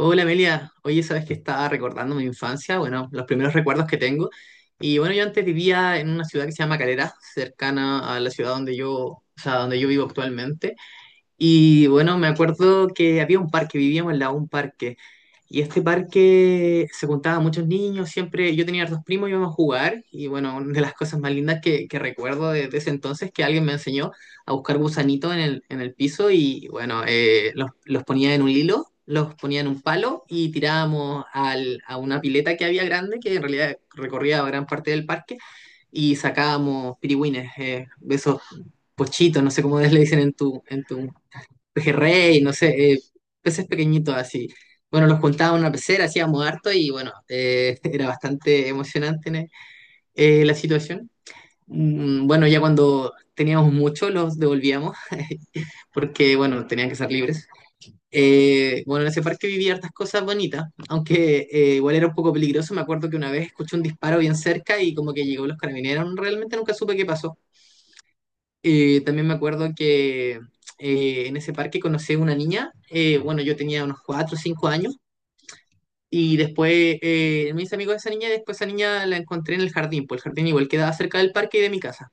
Hola Amelia, oye, sabes que estaba recordando mi infancia, bueno, los primeros recuerdos que tengo. Y bueno, yo antes vivía en una ciudad que se llama Calera, cercana a la ciudad donde yo, o sea, donde yo vivo actualmente. Y bueno, me acuerdo que había un parque, vivíamos en la un parque. Y este parque se juntaban muchos niños, siempre yo tenía dos primos, íbamos a jugar. Y bueno, una de las cosas más lindas que recuerdo de ese entonces es que alguien me enseñó a buscar gusanitos en el piso y bueno, los ponía en un hilo, los ponía en un palo y tirábamos a una pileta que había grande, que en realidad recorría gran parte del parque, y sacábamos pirigüines, de esos pochitos, no sé cómo le dicen en tu pejerrey, no sé, peces pequeñitos así. Bueno, los juntaba en una pecera, hacíamos harto y bueno, era bastante emocionante ¿no? La situación. Bueno, ya cuando teníamos mucho los devolvíamos porque, bueno, tenían que ser libres. Bueno, en ese parque viví hartas cosas bonitas, aunque igual era un poco peligroso. Me acuerdo que una vez escuché un disparo bien cerca y como que llegó los carabineros, realmente nunca supe qué pasó. También me acuerdo que en ese parque conocí a una niña, bueno, yo tenía unos 4 o 5 años, y después me hice amigo de esa niña, y después esa niña la encontré en el jardín, pues el jardín igual quedaba cerca del parque y de mi casa.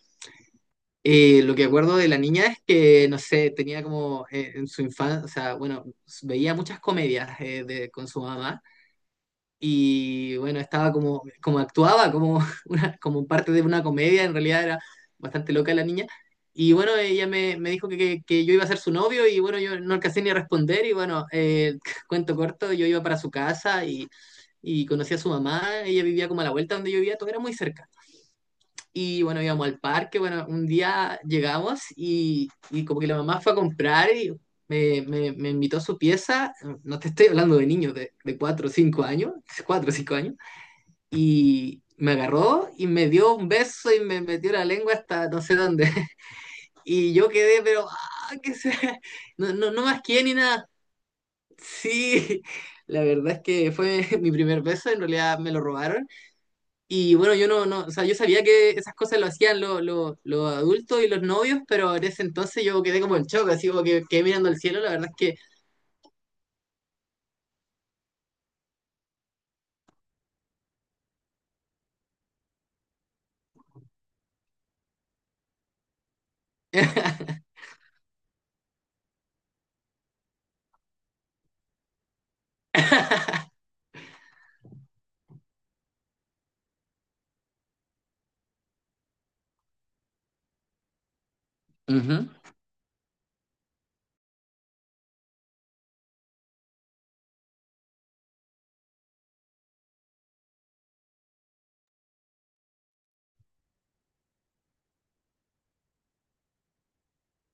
Lo que acuerdo de la niña es que, no sé, tenía como en su infancia, o sea, bueno, veía muchas comedias con su mamá, y bueno, estaba como, como actuaba, como, una, como parte de una comedia, en realidad era bastante loca la niña. Y bueno, ella me dijo que yo iba a ser su novio y bueno, yo no alcancé ni a responder y bueno, cuento corto, yo iba para su casa y conocí a su mamá, ella vivía como a la vuelta donde yo vivía, todo era muy cerca. Y bueno, íbamos al parque, bueno, un día llegamos y como que la mamá fue a comprar y me invitó a su pieza, no te estoy hablando de niños de 4 o 5 años, 4 o 5 años y me agarró y me dio un beso y me metió la lengua hasta no sé dónde. Y yo quedé, pero, ah, que sea, no, no, no más quién ni nada. Sí, la verdad es que fue mi primer beso, en realidad me lo robaron. Y bueno, yo no, no, o sea, yo sabía que esas cosas lo hacían los adultos y los novios, pero en ese entonces yo quedé como en shock, así como que quedé mirando al cielo, la verdad es que... Ujú,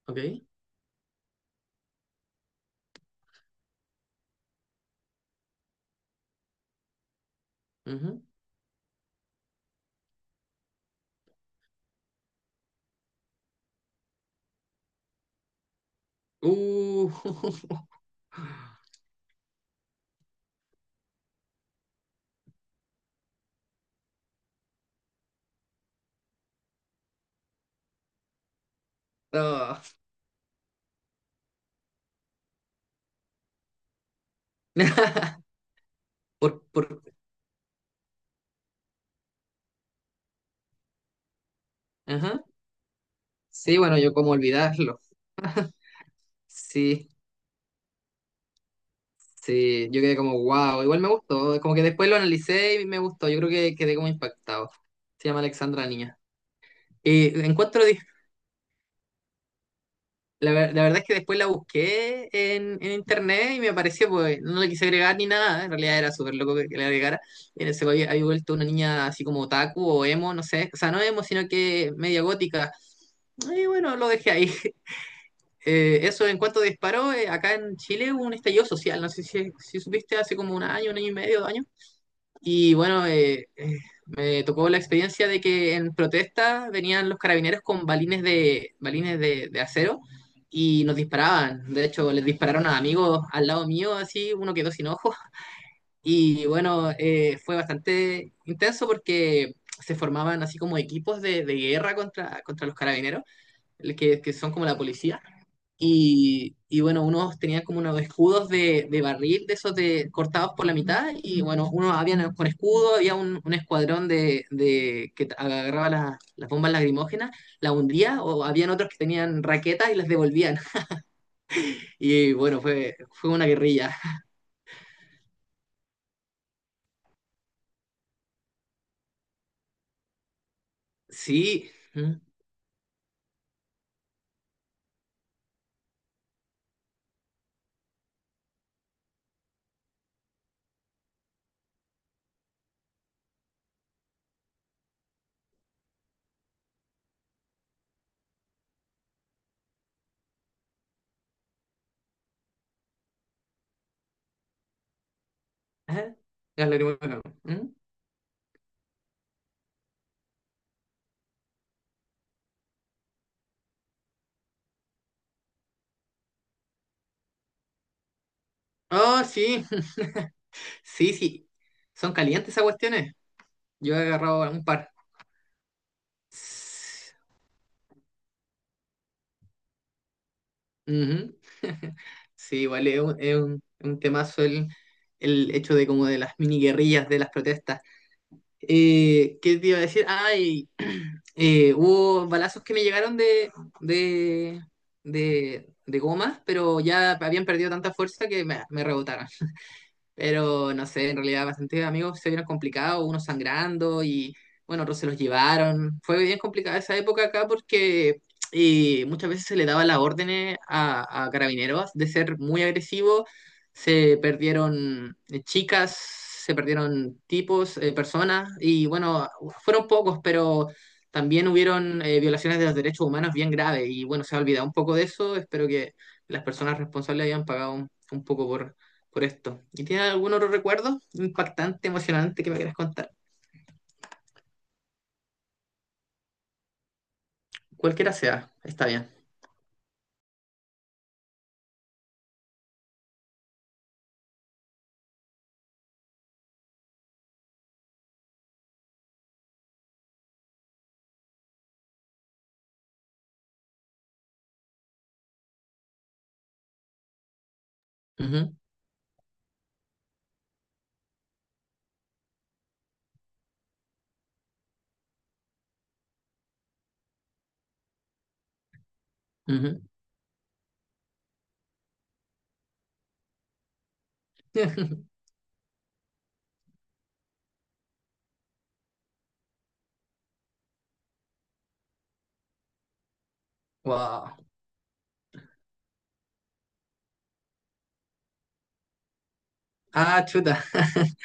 ok, ujú. Uh, no. Por, por, ajá. Sí, bueno, yo como olvidarlo. Sí, sí, yo quedé como wow, igual me gustó, como que después lo analicé y me gustó, yo creo que quedé como impactado. Se llama Alexandra la Niña. Y encuentro, la verdad es que después la busqué en internet y me apareció, pues no le quise agregar ni nada, en realidad era súper loco que le agregara. Y en ese había, había vuelto una niña así como otaku o emo, no sé, o sea, no emo, sino que media gótica. Y bueno, lo dejé ahí. Eso en cuanto disparó, acá en Chile hubo un estallido social, no sé si, si supiste hace como un año y medio, dos años. Y bueno, me tocó la experiencia de que en protesta venían los carabineros con balines balines de acero y nos disparaban. De hecho, les dispararon a amigos al lado mío, así, uno quedó sin ojos. Y bueno, fue bastante intenso porque se formaban así como equipos de guerra contra los carabineros, que son como la policía y bueno, unos tenían como unos escudos de barril, de esos de, cortados por la mitad, y bueno, unos habían con escudo, había un escuadrón de que agarraba las bombas lagrimógenas, las hundía, o habían otros que tenían raquetas y las devolvían. Y bueno, fue una guerrilla. Sí. ¿Mm? ¿Eh? Las lagrimógenas. ¿Mm? Oh, sí, sí, sí. Son calientes esas cuestiones. Yo he agarrado un par. Ujú. Sí, igual es un temazo el hecho de como de las mini guerrillas, de las protestas. ¿Qué te iba a decir? Ay, hubo balazos que me llegaron de, de gomas, pero ya habían perdido tanta fuerza que me rebotaron. Pero no sé, en realidad bastantes amigos se vieron complicados, unos sangrando y bueno, otros se los llevaron. Fue bien complicada esa época acá porque y muchas veces se le daba las órdenes a carabineros de ser muy agresivos. Se perdieron chicas, se perdieron tipos, personas y bueno, fueron pocos, pero también hubieron violaciones de los derechos humanos bien graves y bueno, se ha olvidado un poco de eso. Espero que las personas responsables hayan pagado un poco por esto. ¿Y tienes algún otro recuerdo impactante, emocionante que me quieras contar? Cualquiera sea, está bien. Ujú, ujú. Wow. Ah, chuta.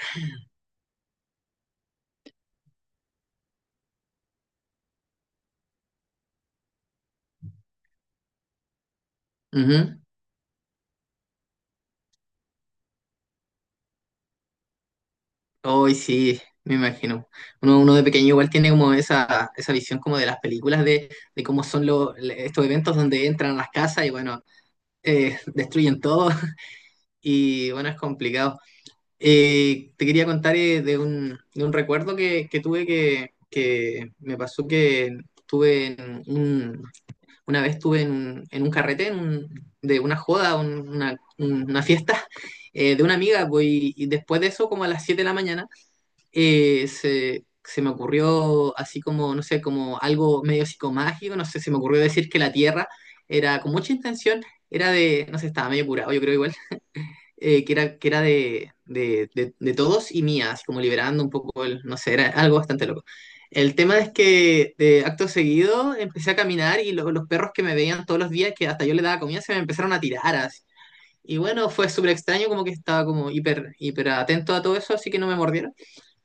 Ujú. Hoy sí, me imagino. Uno, uno de pequeño igual tiene como esa visión como de las películas de cómo son los estos eventos donde entran a las casas y bueno, destruyen todo y bueno, es complicado. Te quería contar de un recuerdo que tuve que me pasó que tuve en un- una vez tuve en un carrete de una joda, una fiesta de una amiga, pues, y después de eso, como a las 7 de la mañana, se me ocurrió así como, no sé, como algo medio psicomágico, no sé, se me ocurrió decir que la Tierra era con mucha intención, era de, no sé, estaba medio curado, yo creo igual que era de todos y mía, así como liberando un poco el, no sé, era algo bastante loco. El tema es que de acto seguido empecé a caminar y los perros que me veían todos los días, que hasta yo les daba comida, se me empezaron a tirar así. Y bueno, fue súper extraño, como que estaba como hiper atento a todo eso, así que no me mordieron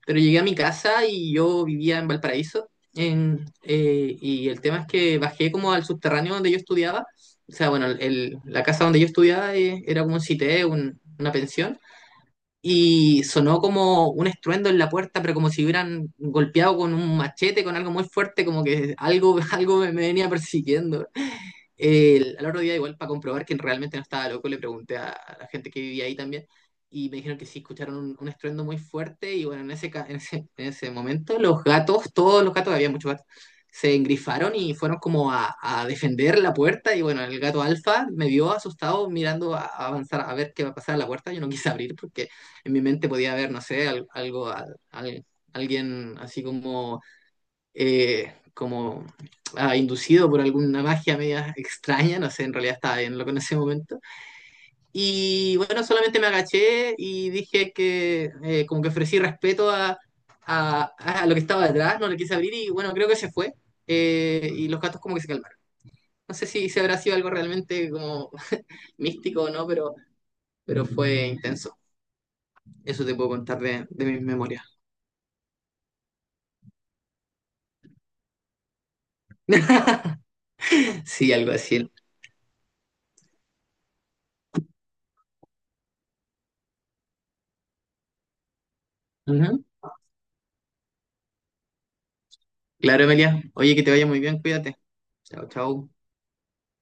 pero llegué a mi casa y yo vivía en Valparaíso. Y el tema es que bajé como al subterráneo donde yo estudiaba. O sea, bueno, la casa donde yo estudiaba era como un cité, una pensión. Y sonó como un estruendo en la puerta, pero como si hubieran golpeado con un machete, con algo muy fuerte, como que algo, algo me venía persiguiendo. Al otro día, igual, para comprobar que realmente no estaba loco, le pregunté a la gente que vivía ahí también y me dijeron que sí, escucharon un estruendo muy fuerte y bueno, en ese, en en ese momento los gatos, todos los gatos, había muchos gatos, se engrifaron y fueron como a defender la puerta y bueno, el gato alfa me vio asustado mirando a avanzar, a ver qué va a pasar a la puerta, yo no quise abrir porque en mi mente podía haber, no sé, algo, alguien así como como inducido por alguna magia media extraña, no sé, en realidad estaba bien loco en ese momento. Y bueno, solamente me agaché y dije que como que ofrecí respeto a, a lo que estaba detrás, no le quise abrir y bueno, creo que se fue. Y los gatos como que se calmaron. No sé si, si habrá sido algo realmente como místico o no, pero fue intenso. Eso te puedo contar de mis memorias. Sí, algo así. Ujú. Claro, Emilia. Oye, que te vaya muy bien, cuídate. Chao, chao.